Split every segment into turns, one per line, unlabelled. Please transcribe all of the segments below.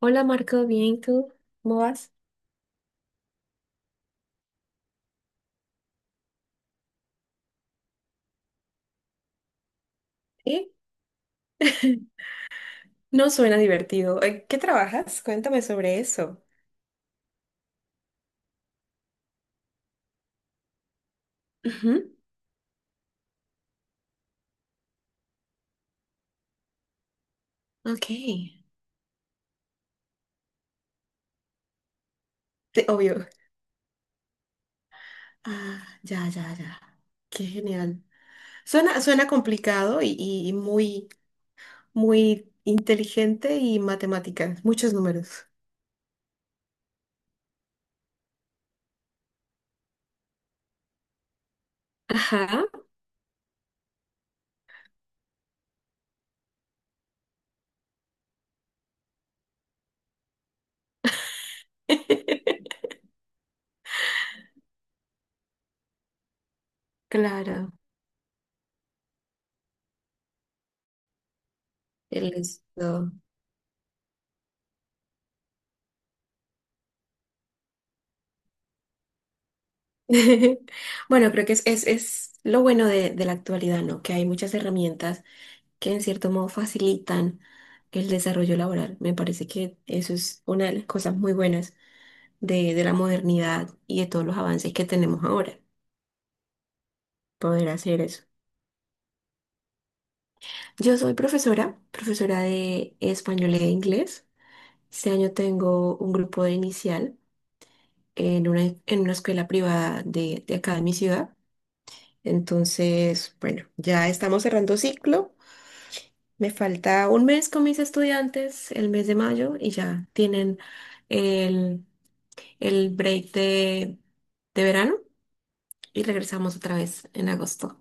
Hola Marco, bien, ¿tú? ¿Cómo vas? ¿Eh? No suena divertido. ¿Qué trabajas? Cuéntame sobre eso. Ujú. Ok, obvio. Ah, ya, ya, ya. Qué genial. Suena complicado y muy, muy inteligente y matemáticas, muchos números. Ajá. Claro, el esto. Bueno, creo que es lo bueno de la actualidad, ¿no? Que hay muchas herramientas que en cierto modo facilitan el desarrollo laboral. Me parece que eso es una de las cosas muy buenas de la modernidad y de todos los avances que tenemos ahora, poder hacer eso. Yo soy profesora, profesora de español e inglés. Este año tengo un grupo de inicial en una escuela privada de acá de mi ciudad. Entonces, bueno, ya estamos cerrando ciclo. Me falta un mes con mis estudiantes, el mes de mayo, y ya tienen el, el break de verano y regresamos otra vez en agosto.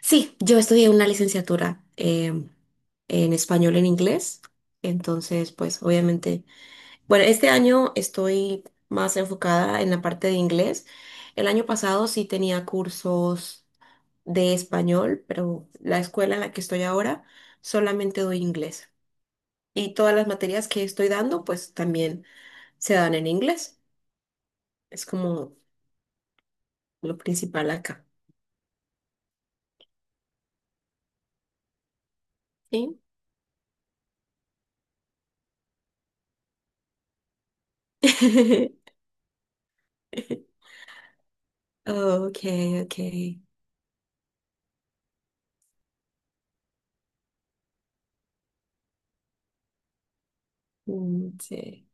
Sí, yo estudié una licenciatura en español en inglés, entonces pues obviamente, bueno, este año estoy más enfocada en la parte de inglés. El año pasado sí tenía cursos de español, pero la escuela en la que estoy ahora solamente doy inglés. Y todas las materias que estoy dando pues también se dan en inglés. Es como lo principal acá. Sí. Ok, ok. Mm, sí.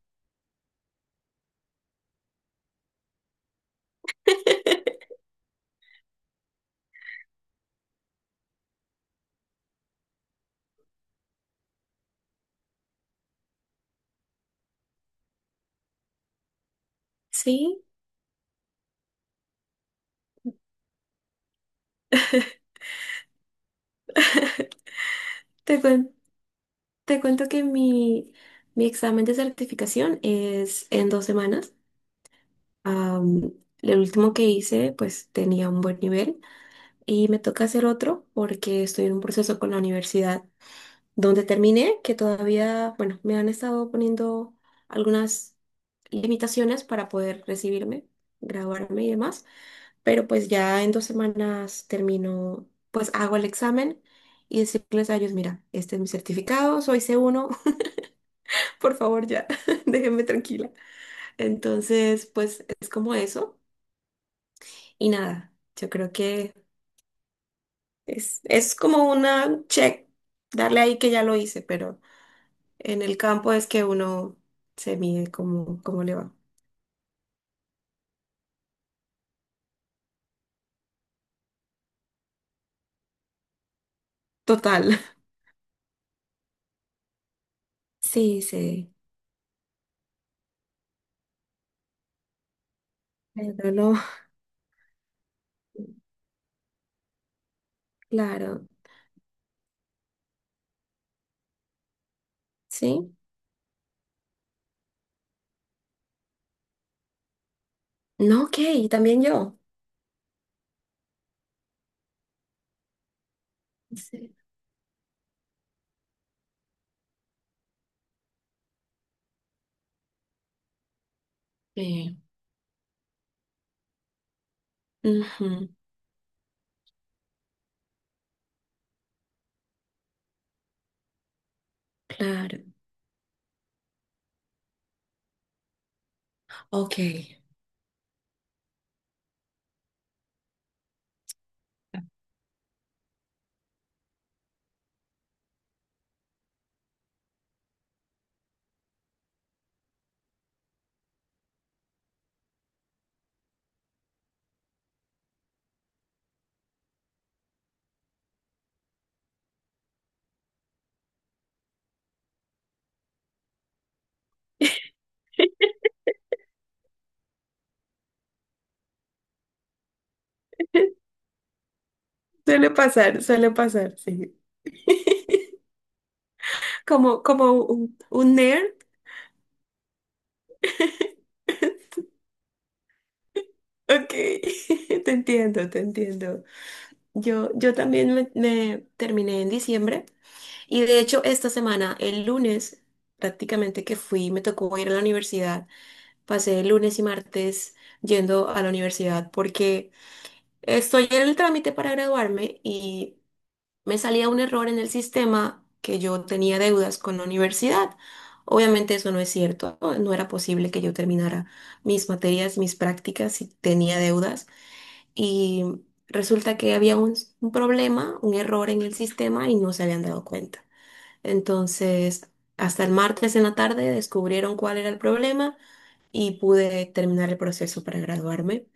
Sí. Te cuen- te cuento que mi examen de certificación es en 2 semanas. Am, el último que hice, pues tenía un buen nivel y me toca hacer otro porque estoy en un proceso con la universidad donde terminé, que todavía, bueno, me han estado poniendo algunas limitaciones para poder recibirme, graduarme y demás. Pero pues ya en 2 semanas termino, pues hago el examen y decirles a ellos, mira, este es mi certificado, soy C1 por favor ya, déjenme tranquila. Entonces, pues es como eso y nada, yo creo que es como una check, darle ahí que ya lo hice, pero en el campo es que uno se mide cómo le va. Total. Sí, sí. Pero no, claro, sí. No, ok, también yo. Sí. Ujú, claro. Ok. Suele pasar, sí. Como un nerd. Ok, te entiendo, te entiendo. Yo también me terminé en diciembre y de hecho esta semana, el lunes, prácticamente que fui, me tocó ir a la universidad. Pasé el lunes y martes yendo a la universidad porque estoy en el trámite para graduarme y me salía un error en el sistema que yo tenía deudas con la universidad. Obviamente eso no es cierto, no era posible que yo terminara mis materias, mis prácticas si tenía deudas y resulta que había un problema, un error en el sistema y no se habían dado cuenta. Entonces, hasta el martes en la tarde descubrieron cuál era el problema y pude terminar el proceso para graduarme.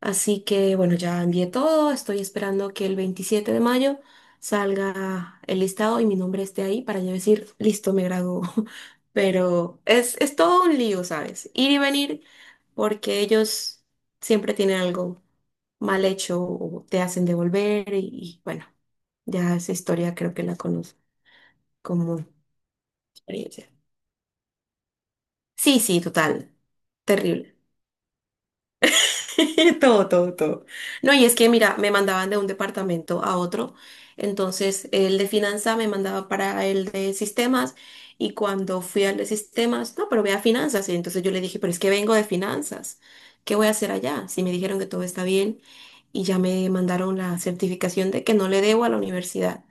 Así que bueno, ya envié todo, estoy esperando que el 27 de mayo salga el listado y mi nombre esté ahí para yo decir, listo, me graduó. Pero es todo un lío, ¿sabes? Ir y venir porque ellos siempre tienen algo mal hecho o te hacen devolver y, bueno, ya esa historia creo que la conozco como experiencia. Sí, sí, total. Terrible. Todo, todo, todo. No, y es que, mira, me mandaban de un departamento a otro. Entonces, el de finanzas me mandaba para el de sistemas. Y cuando fui al de sistemas, no, pero ve a finanzas. Y entonces yo le dije, pero es que vengo de finanzas. ¿Qué voy a hacer allá? Si me dijeron que todo está bien y ya me mandaron la certificación de que no le debo a la universidad.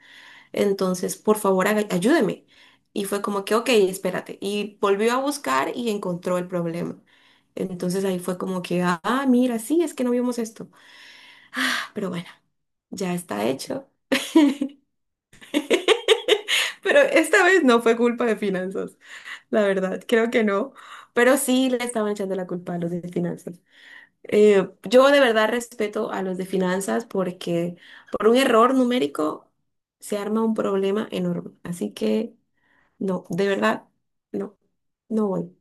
Entonces, por favor, ayúdeme. Y fue como que, ok, espérate. Y volvió a buscar y encontró el problema. Entonces ahí fue como que, ah, mira, sí, es que no vimos esto. Ah, pero bueno, ya está hecho. Pero esta vez no fue culpa de finanzas, la verdad, creo que no. Pero sí le estaban echando la culpa a los de finanzas. Yo de verdad respeto a los de finanzas porque por un error numérico se arma un problema enorme. Así que... No, de verdad, no, no voy.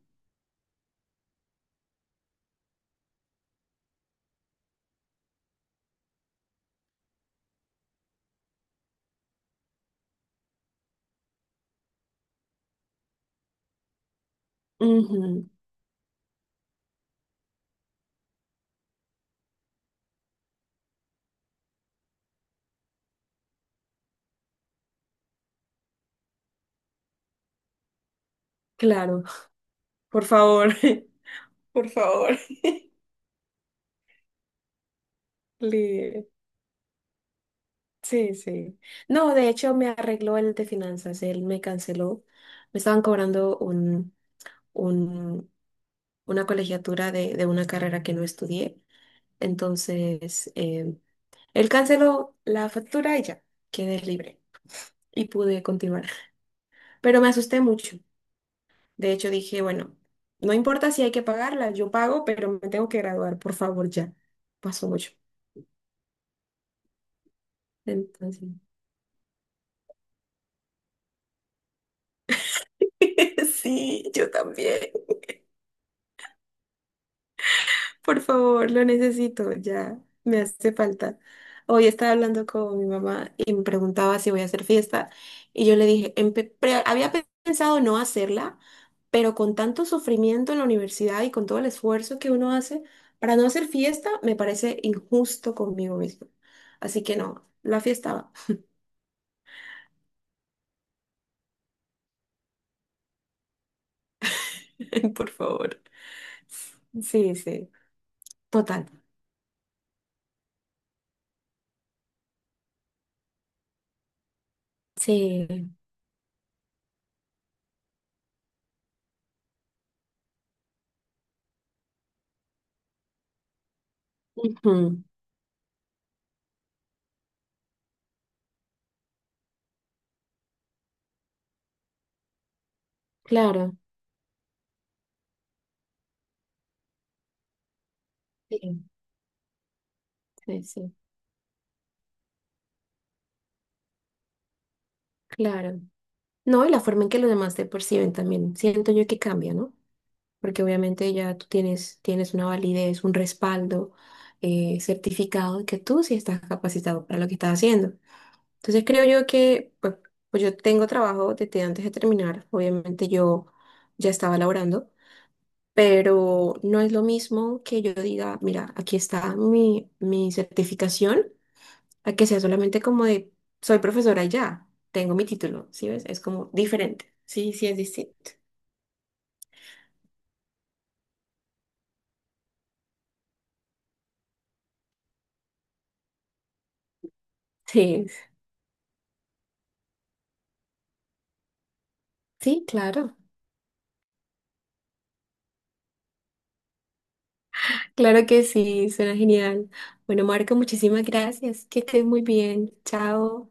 Ujú, claro, por favor, por favor. Le- Sí, sí. No, de hecho me arregló el de finanzas, él me canceló. Me estaban cobrando un, una colegiatura de una carrera que no estudié. Entonces, él canceló la factura y ya, quedé libre y pude continuar. Pero me asusté mucho. De hecho, dije, bueno, no importa si hay que pagarla, yo pago, pero me tengo que graduar, por favor, ya. Pasó mucho. Entonces, sí, yo también. Por favor, lo necesito, ya. Me hace falta. Hoy estaba hablando con mi mamá y me preguntaba si voy a hacer fiesta. Y yo le dije, había pensado no hacerla, pero con tanto sufrimiento en la universidad y con todo el esfuerzo que uno hace para no hacer fiesta, me parece injusto conmigo mismo. Así que no, la fiesta va. Por favor. Sí, sí, total. Sí. Ujú, claro, sí, sí, sí. Claro. No, y la forma en que los demás te perciben también, siento yo que cambia, ¿no? Porque obviamente ya tú tienes una validez, un respaldo certificado de que tú sí estás capacitado para lo que estás haciendo. Entonces creo yo que, pues yo tengo trabajo desde antes de terminar, obviamente yo ya estaba laborando. Pero no es lo mismo que yo diga, mira, aquí está mi certificación, a que sea solamente como de, soy profesora y ya, tengo mi título, ¿sí ves? Es como diferente. Sí, sí, es distinto. Sí, sí, claro. Claro que sí, suena genial. Bueno, Marco, muchísimas gracias. Que estés muy bien. Chao.